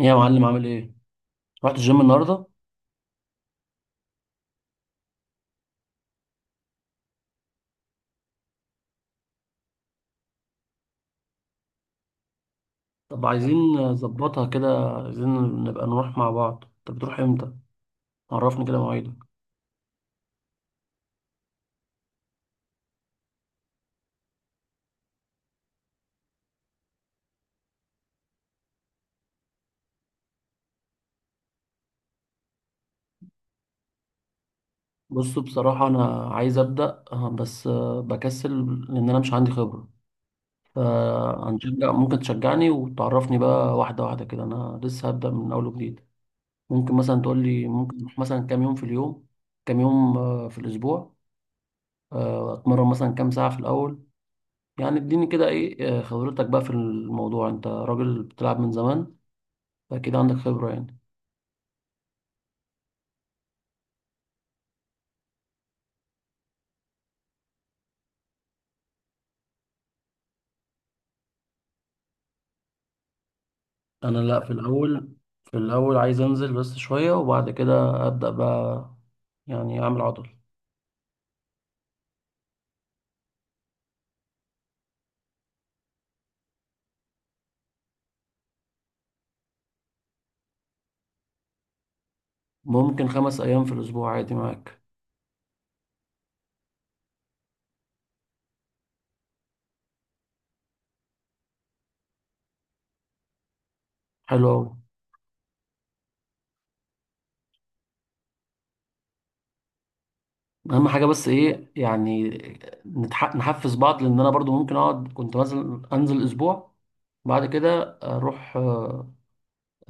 ايه يا معلم، عامل ايه؟ رحت الجيم النهارده؟ طب عايزين نظبطها كده، عايزين نبقى نروح مع بعض. طب بتروح امتى؟ عرفني كده مواعيدك. بص، بصراحة أنا عايز أبدأ، بس بكسل، لأن أنا مش عندي خبرة. فهنشجع، ممكن تشجعني وتعرفني بقى واحدة واحدة كده. أنا لسه هبدأ من أول وجديد. ممكن مثلا تقول لي ممكن نروح مثلا كام يوم في اليوم، كام يوم في الأسبوع، أتمرن مثلا كام ساعة في الأول. يعني اديني كده إيه خبرتك بقى في الموضوع. أنت راجل بتلعب من زمان، أكيد عندك خبرة يعني. أنا لأ، في الأول عايز أنزل بس شوية وبعد كده أبدأ بقى، يعني أعمل عضل. ممكن خمس أيام في الأسبوع عادي معاك. حلو أوي. أهم حاجة بس إيه يعني؟ نحفز بعض، لأن أنا برضو ممكن أقعد. كنت مثلا أنزل أسبوع، بعد كده أروح، آه،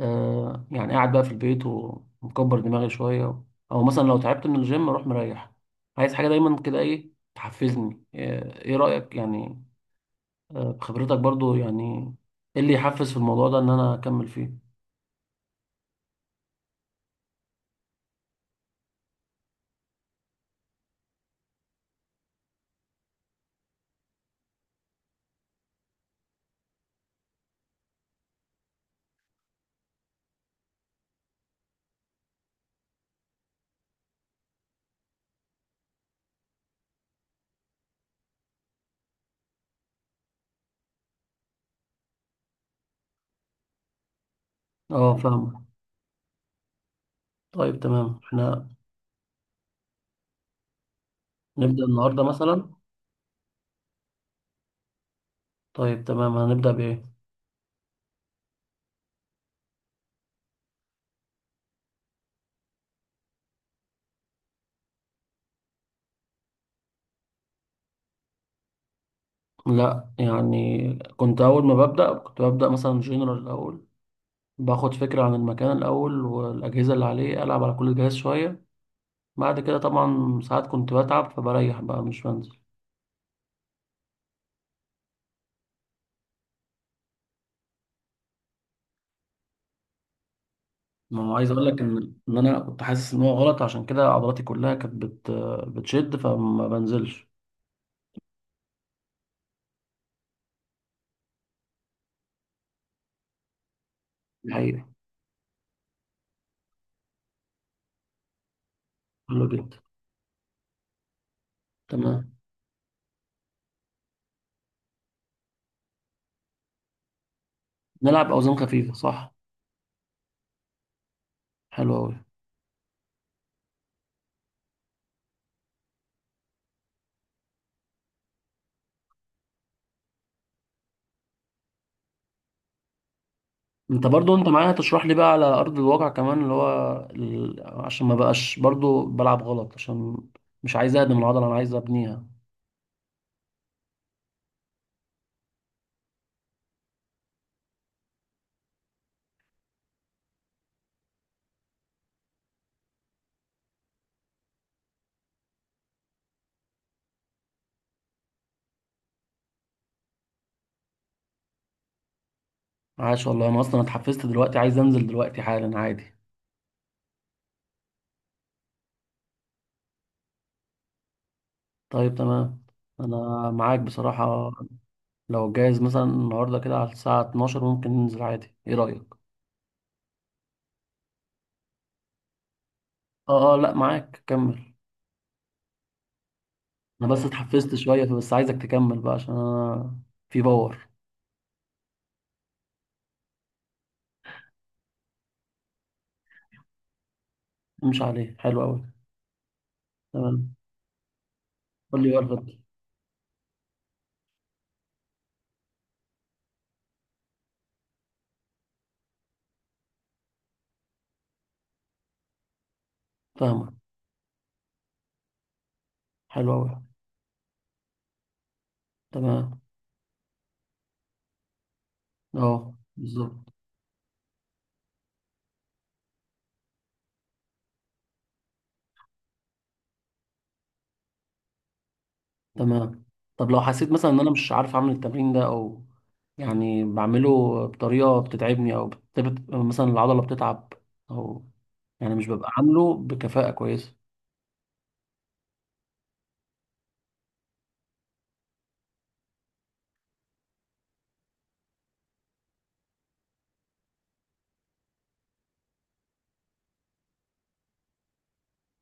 آه، يعني قاعد بقى في البيت ومكبر دماغي شوية، أو مثلا لو تعبت من الجيم أروح مريح. عايز حاجة دايما كده إيه تحفزني. إيه رأيك يعني، بخبرتك برضو يعني؟ ايه اللي يحفز في الموضوع ده ان انا اكمل فيه؟ اه، فاهمك. طيب تمام، احنا نبدأ النهارده مثلا؟ طيب تمام، هنبدأ بايه؟ لا يعني كنت اول ما ببدأ كنت ببدأ مثلا جنرال الاول، باخد فكرة عن المكان الاول والاجهزة اللي عليه، العب على كل جهاز شوية. بعد كده طبعا ساعات كنت بتعب فبريح بقى، مش بنزل. ما هو عايز اقول لك ان انا كنت حاسس ان هو غلط، عشان كده عضلاتي كلها كانت بتشد، فما بنزلش. الحقيقة. حلو جدا. تمام. نلعب اوزان خفيفه صح؟ حلو قوي. انت برضو انت معايا تشرح لي بقى على ارض الواقع كمان، اللي هو عشان ما بقاش برضو بلعب غلط، عشان مش عايز اهدم العضله، انا عايز ابنيها. عاش والله، انا اصلا اتحفزت دلوقتي، عايز انزل دلوقتي حالا عادي. طيب تمام. انا معاك بصراحه. لو جايز مثلا النهارده كده على الساعه 12 ممكن ننزل عادي، ايه رايك؟ اه، اه، لا معاك، كمل. انا بس اتحفزت شويه، بس عايزك تكمل بقى عشان انا في باور. مش عليه. حلو قوي. تمام. قول لي بقى. فاهمة. حلو أوي. تمام. أه، بالظبط. تمام. طب لو حسيت مثلا إن أنا مش عارف أعمل التمرين ده، أو يعني بعمله بطريقة بتتعبني، أو مثلا العضلة بتتعب، أو يعني مش ببقى عامله بكفاءة كويسة.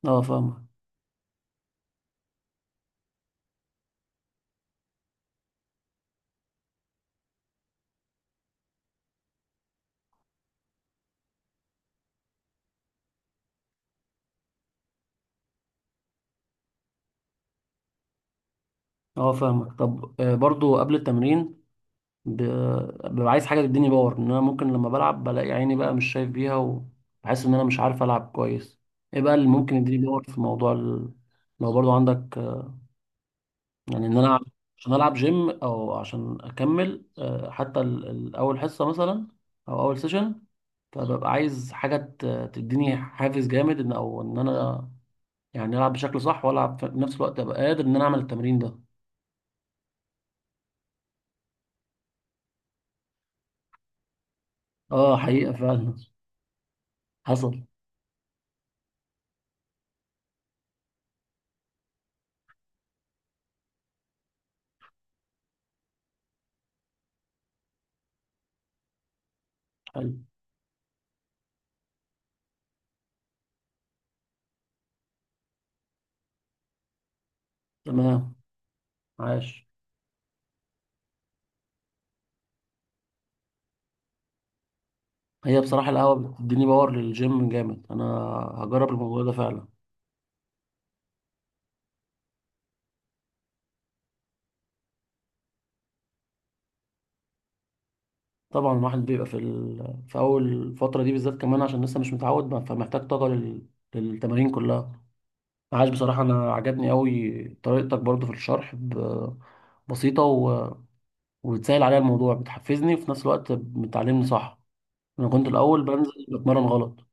أه فاهمة. أه فاهمة. طب برضو قبل التمرين، ب... ببقى عايز حاجة تديني باور، إن أنا ممكن لما بلعب بلاقي عيني بقى مش شايف بيها وبحس إن أنا مش عارف ألعب كويس. إيه بقى اللي ممكن يديني باور في موضوع لو برضو عندك، يعني ان انا عشان العب جيم، او عشان اكمل حتى اول حصه مثلا، او اول سيشن. فببقى عايز حاجه تديني حافز جامد ان انا يعني العب بشكل صح، والعب في نفس الوقت ابقى قادر ان انا اعمل التمرين ده. اه، حقيقه فعلا. حصل. حلو. تمام. عاش. هي بصراحه القهوه بتديني باور للجيم جامد. انا هجرب الموضوع ده فعلا. طبعا الواحد بيبقى في في اول فتره دي بالذات، كمان عشان لسه مش متعود، فمحتاج طاقه للتمارين كلها. عاش، بصراحة أنا عجبني أوي طريقتك برضو في الشرح، بسيطة وبتسهل عليا الموضوع، بتحفزني وفي نفس الوقت بتعلمني صح. أنا كنت الأول بنزل بتمرن غلط.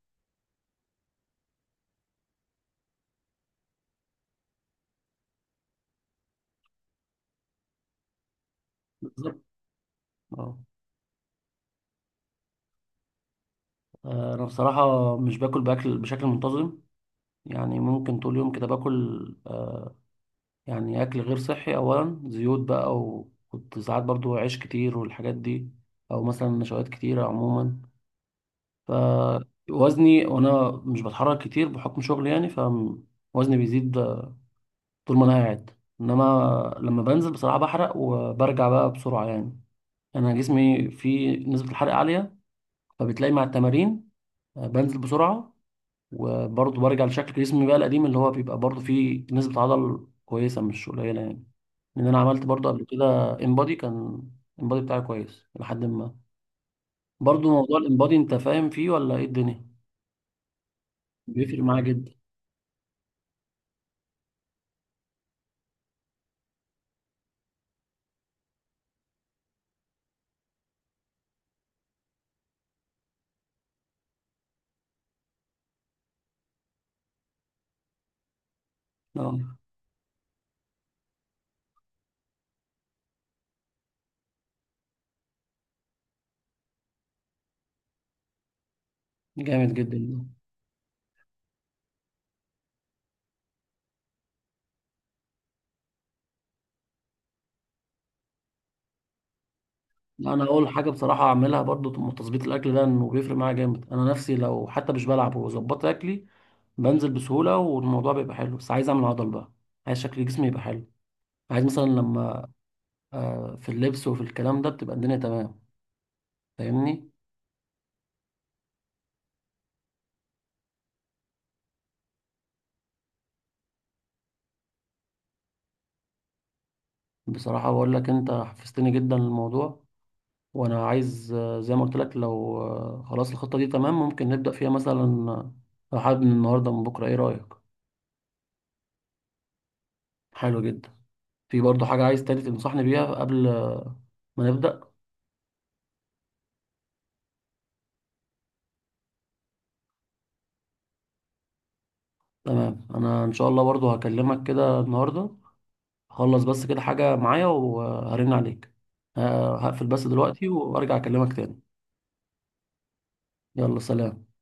بالظبط. أه. أنا بصراحة مش باكل بأكل بشكل منتظم. يعني ممكن طول يوم كده باكل، يعني أكل غير صحي، أولا زيوت بقى، وكنت ساعات برضو عيش كتير والحاجات دي، أو مثلا نشويات كتيرة عموما. فوزني وانا مش بتحرك كتير بحكم شغلي يعني، فوزني بيزيد طول ما انا قاعد. انما لما بنزل بصراحة بحرق، وبرجع بقى بسرعة يعني. انا جسمي فيه نسبة الحرق عالية، فبتلاقي مع التمارين بنزل بسرعة. وبرضه برجع لشكل جسمي بقى القديم، اللي هو بيبقى برضه فيه نسبة عضل كويسة، مش قليلة يعني. لان انا عملت برضه قبل كده انبادي كان. الانبادي بتاعي كويس لحد ما. برضه موضوع الانبادي انت فاهم فيه ولا ايه الدنيا؟ بيفرق معايا جدا. اه، جامد جدا ده. لا انا اقول حاجه بصراحه اعملها برضو. تظبيط الاكل ده انه بيفرق معايا جامد. انا نفسي لو حتى مش بلعب وظبطت اكلي بنزل بسهوله، والموضوع بيبقى حلو. بس عايز اعمل عضل بقى، عايز شكل جسمي يبقى حلو. عايز مثلا لما في اللبس وفي الكلام ده بتبقى الدنيا تمام، فاهمني. بصراحه بقول لك انت حفزتني جدا للموضوع. وانا عايز، زي ما قلت لك، لو خلاص الخطه دي تمام، ممكن نبدا فيها مثلا، آه، لو حابب من النهارده من بكره، ايه رايك؟ حلو جدا. في برضه حاجة عايز تاني تنصحني بيها قبل ما نبدأ؟ تمام. أنا إن شاء الله برضه هكلمك كده النهاردة. هخلص بس كده حاجة معايا وهرن عليك. ه- هقفل بس دلوقتي وأرجع أكلمك تاني. يلا سلام.